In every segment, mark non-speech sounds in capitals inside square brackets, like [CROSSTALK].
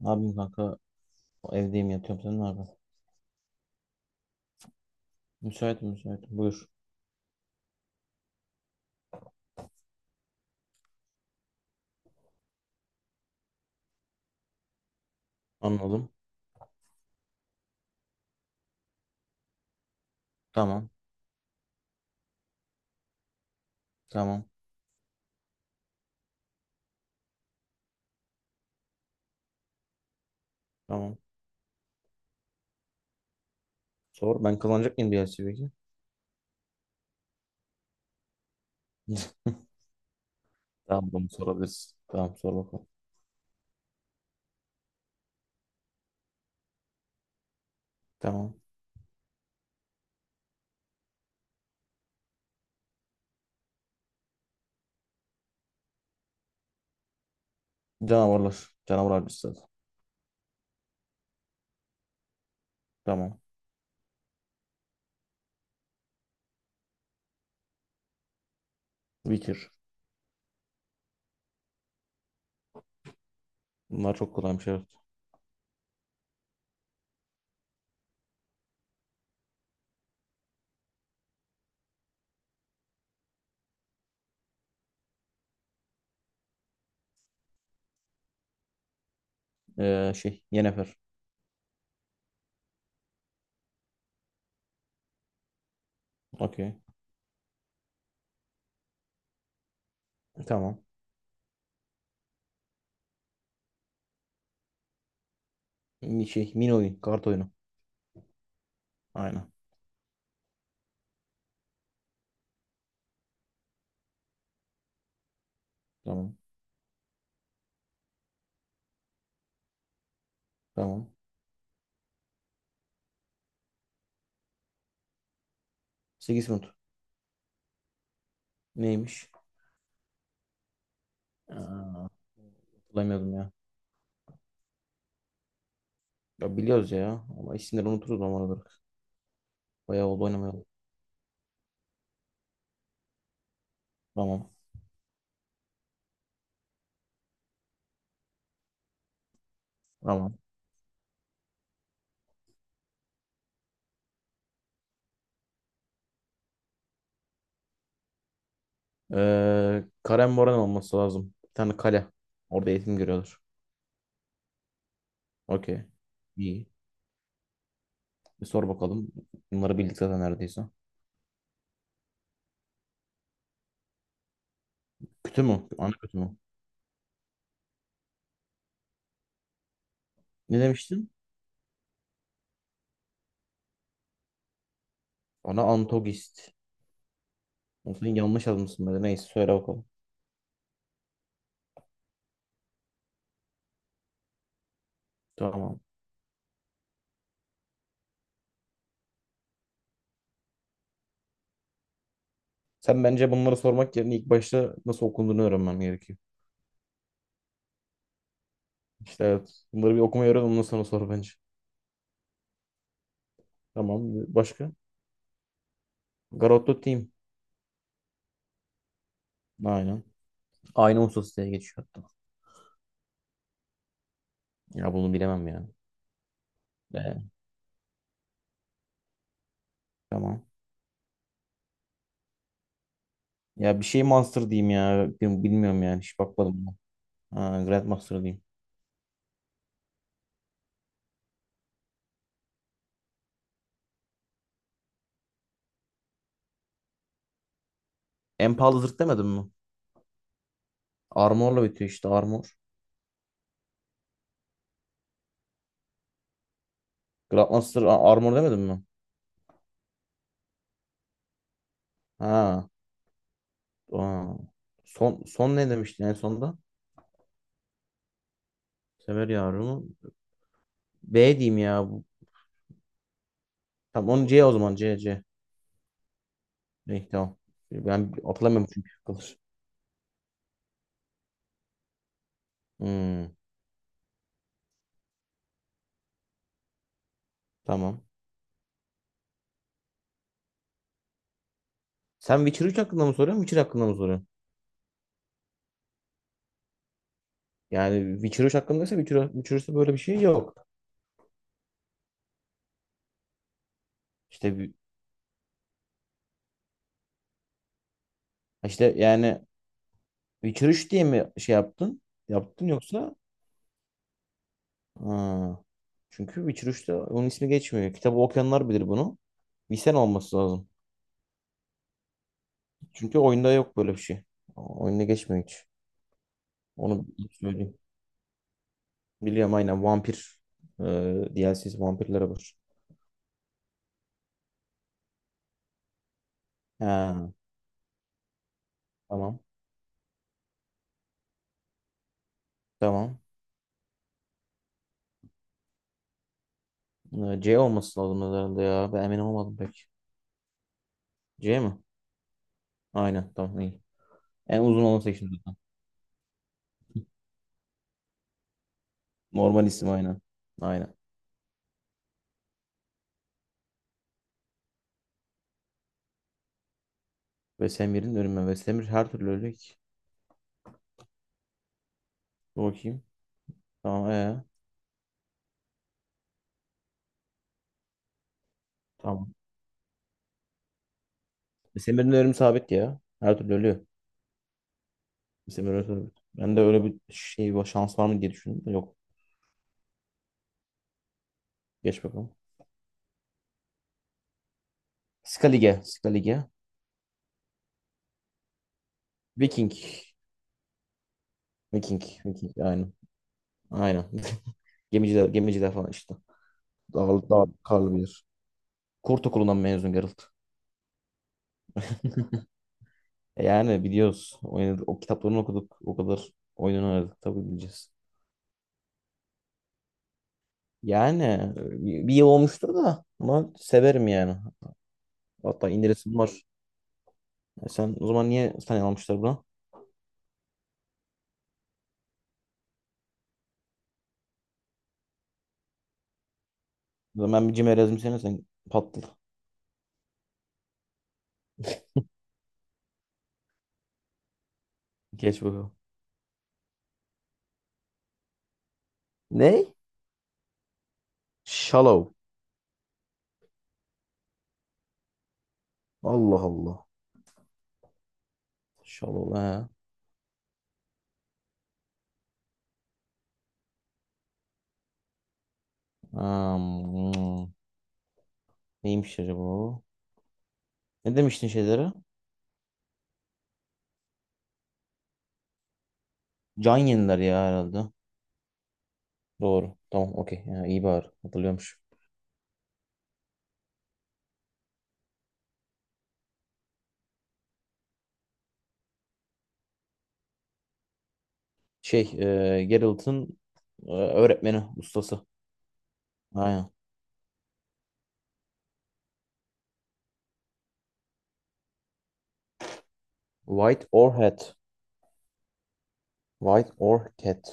Ne yapayım, kanka? Evdeyim, yatıyorum. Sen ne yapıyorsun? Müsaitim, müsaitim. Buyur. Anladım. Tamam. Tamam. Tamam. Sor. Ben kazanacak mıyım DLC peki? [LAUGHS] Tamam, bunu sorabiliriz. Tamam, sor bakalım. Tamam. Canavarlar. Canavar avcısı zaten. Tamam. Witcher. Bunlar çok kolaymış, evet. Yennefer. Okey. Tamam. Mini oyun. Kart oyunu. Aynen. Tamam. Tamam. Sigismund. Neymiş? Aa, hatırlamıyordum ya. Ya biliyoruz ya. Ama isimleri unuturuz normal olarak. Bayağı oldu oynamaya. Tamam. Tamam. Karen Moran olması lazım. Bir tane kale. Orada eğitim görüyorlar. Okey. İyi. Bir sor bakalım. Bunları bildik zaten neredeyse. Kütü mü? Ana kütü mü? Ne demiştin? Ona antogist. Sen yanlış yazmışsın böyle. Neyse, söyle bakalım. Tamam. Sen bence bunları sormak yerine ilk başta nasıl okunduğunu öğrenmem gerekiyor. İşte evet. Bunları bir okumayı öğren, ondan sonra sor bence. Tamam. Başka? Garotto Team. Aynen. Aynı ustası diye geçiyor hatta. Ya bunu bilemem yani. Ee, tamam. Ya bir şey Monster diyeyim ya. Bilmiyorum yani. Hiç bakmadım ben. Ha, Grandmaster diyeyim. En pahalı zırh demedim mi? Armor'la bitiyor işte, Armor. Armor demedim mi? Ha. Aa. Son, son ne demiştin en sonda? Sever yavrumu. B diyeyim ya, bu. Tamam, onu C o zaman. C. İyi, tamam. Ben hatırlamıyorum çünkü. Kalır. Hmm, tamam. Sen Witcher 3 hakkında mı soruyorsun? Witcher hakkında mı soruyorsun? Yani Witcher 3 hakkındaysa Witcher, Witcher 3'te böyle bir şey yok. İşte bir- işte yani Witcher 3 diye mi şey yaptın? Yaptın yoksa? Ha. Çünkü Witcher 3'te onun ismi geçmiyor. Kitabı okuyanlar bilir bunu. Bilsen olması lazım. Çünkü oyunda yok böyle bir şey. Oyunda geçmiyor hiç. Onu söyleyeyim. Biliyorum, aynen, vampir e, DLC'si vampirlere var. Ha, tamam. Tamam. C olması lazım herhalde ya. Ben emin olmadım pek. C mi? Aynen, tamam, iyi. En uzun olanı seçtim zaten. Normal isim, aynen. Aynen. Vesemir'in ölümü. Vesemir her türlü ölecek. Dur bakayım. Tamam ee. Tamam. Semir'in ölümü sabit ya. Her türlü ölüyor. Semir ölümü sabit. Ben de öyle bir şey var, şans var mı diye düşündüm. Yok. Geç bakalım. Skalige. Viking. Viking. Viking. Aynen. Aynen. [LAUGHS] Gemiciler, gemiciler falan işte. Dağlı, dağ, karlı bir yer. Kurt okulundan mezun Geralt. [LAUGHS] Yani biliyoruz. Oynadık. O kitaplarını okuduk. O kadar oyununu oynadık. Tabii bileceğiz. Yani e, bir yıl olmuştur da, ama severim yani. Hatta indiresim var. Sen o zaman niye almışlar buna? O zaman bir cimer yazmışsana sen, patladı. Geç bakalım. Ne? Shallow. Allah Allah. Shallow, he. Hmm. Neymiş acaba o? Ne demiştin şeylere? Can yeniler ya herhalde. Doğru. Tamam, okey. Ya, iyi bari. Hatırlıyormuş. Şey Geralt'ın öğretmeni. Ustası. Aynen. White Orchid. White Orchid.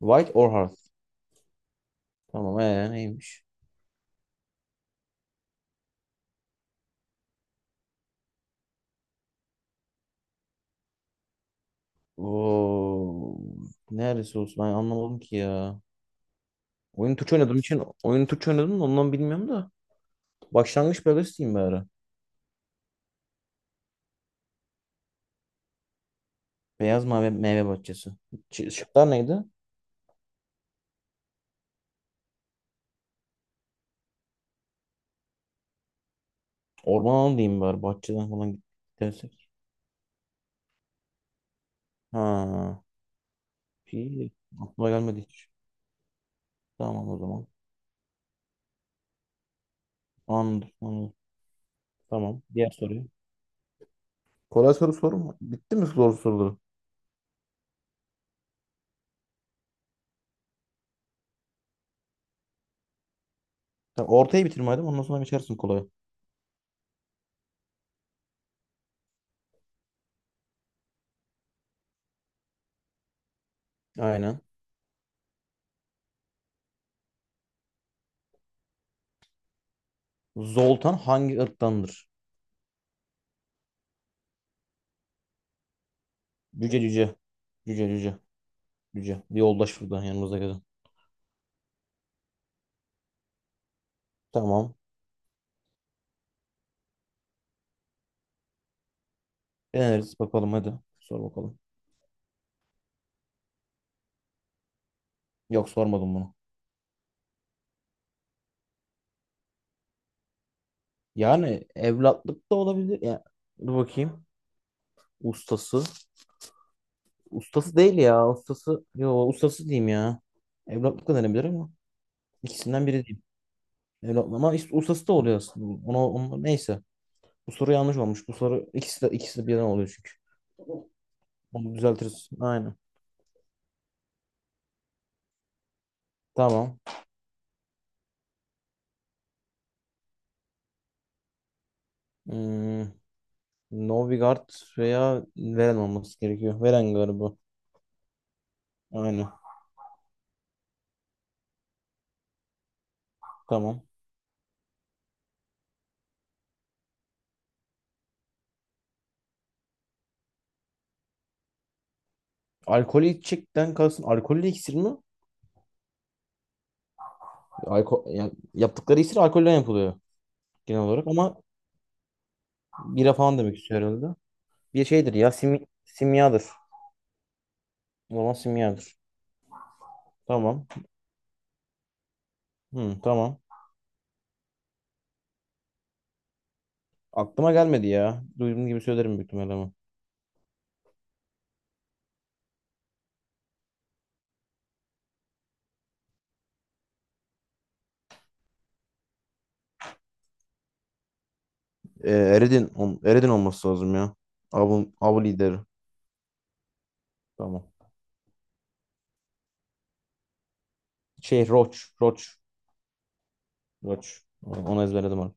White Orchid. Tamam neymiş? Oo, neresi olsun, ben anlamadım ki ya. Oyun Türkçe oynadım da ondan bilmiyorum da. Başlangıç bölgesi diyeyim bari. Beyaz mavi meyve bahçesi. Şıklar neydi? Orman alanı diyeyim bari. Bahçeden falan gidersek. Ha. İyi. Aklıma gelmedi hiç. Tamam o zaman. Anladım, anladım. Tamam. Diğer soruyu. Kolay soru sorma. Bitti mi zor soruları? Tamam, ortayı bitirme hadi. Ondan sonra geçersin kolaya. Aynen. Zoltan hangi ırktandır? Cüce cüce. Cüce cüce. Cüce. Bir yoldaş buradan yanımızda gelen. Tamam. Deneriz bakalım hadi. Sor bakalım. Yok, sormadım bunu. Yani evlatlık da olabilir. Ya, dur bakayım. Ustası. Ustası değil ya. Ustası. Yo, ustası diyeyim ya. Evlatlık da denebilir ama. İkisinden biri diyeyim. Evlatlık ama ustası da oluyor aslında. Ona, ona, neyse. Bu soru yanlış olmuş. Bu soru ikisi de birden oluyor çünkü. Onu düzeltiriz. Aynen. Tamam. Hmm, Novigard veya Veren olması gerekiyor. Veren galiba. Aynen. Tamam. Alkolü içecekten kalsın. Alkollü iksir mi? Alko, yani yaptıkları iksir alkolden yapılıyor genel olarak ama bira falan demek istiyor herhalde. Bir şeydir ya, simyadır. O zaman simyadır. Tamam. Hı, tamam. Aklıma gelmedi ya. Duyduğum gibi söylerim büyük ihtimalle ama. Eredin olması lazım ya. Avun, av lideri. Tamam. Şey, Roach. Roach. Roach. Onu ezberledim abi.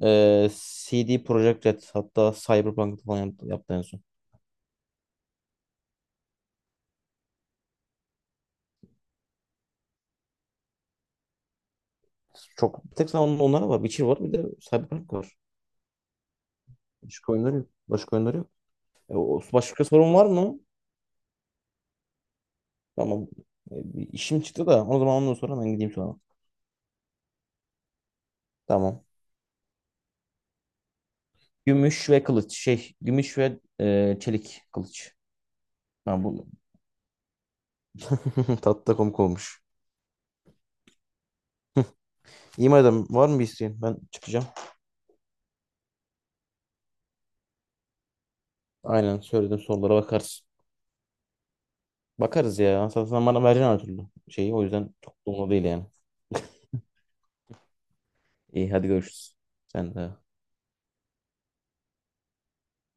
CD Projekt Red. Hatta Cyberpunk'ta falan yaptı, yaptı en son. Çok bir tek zaman onlara var. Witcher var, bir de Cyberpunk var. Başka oyunları yok. Başka oyunları yok. Başka sorun var mı? Tamam. Bir işim çıktı da o zaman, ondan sonra ben gideyim sonra. Tamam. Gümüş ve kılıç. Gümüş ve çelik kılıç. Ha, bu [LAUGHS] tatlı da komik olmuş. İyi madem, var mı bir isteğin? Ben çıkacağım. Aynen, söylediğim sorulara bakarız. Bakarız ya. Sen bana vereceksin her türlü şeyi. O yüzden çok da umurumda değil yani. İyi hadi, görüşürüz. Sen de.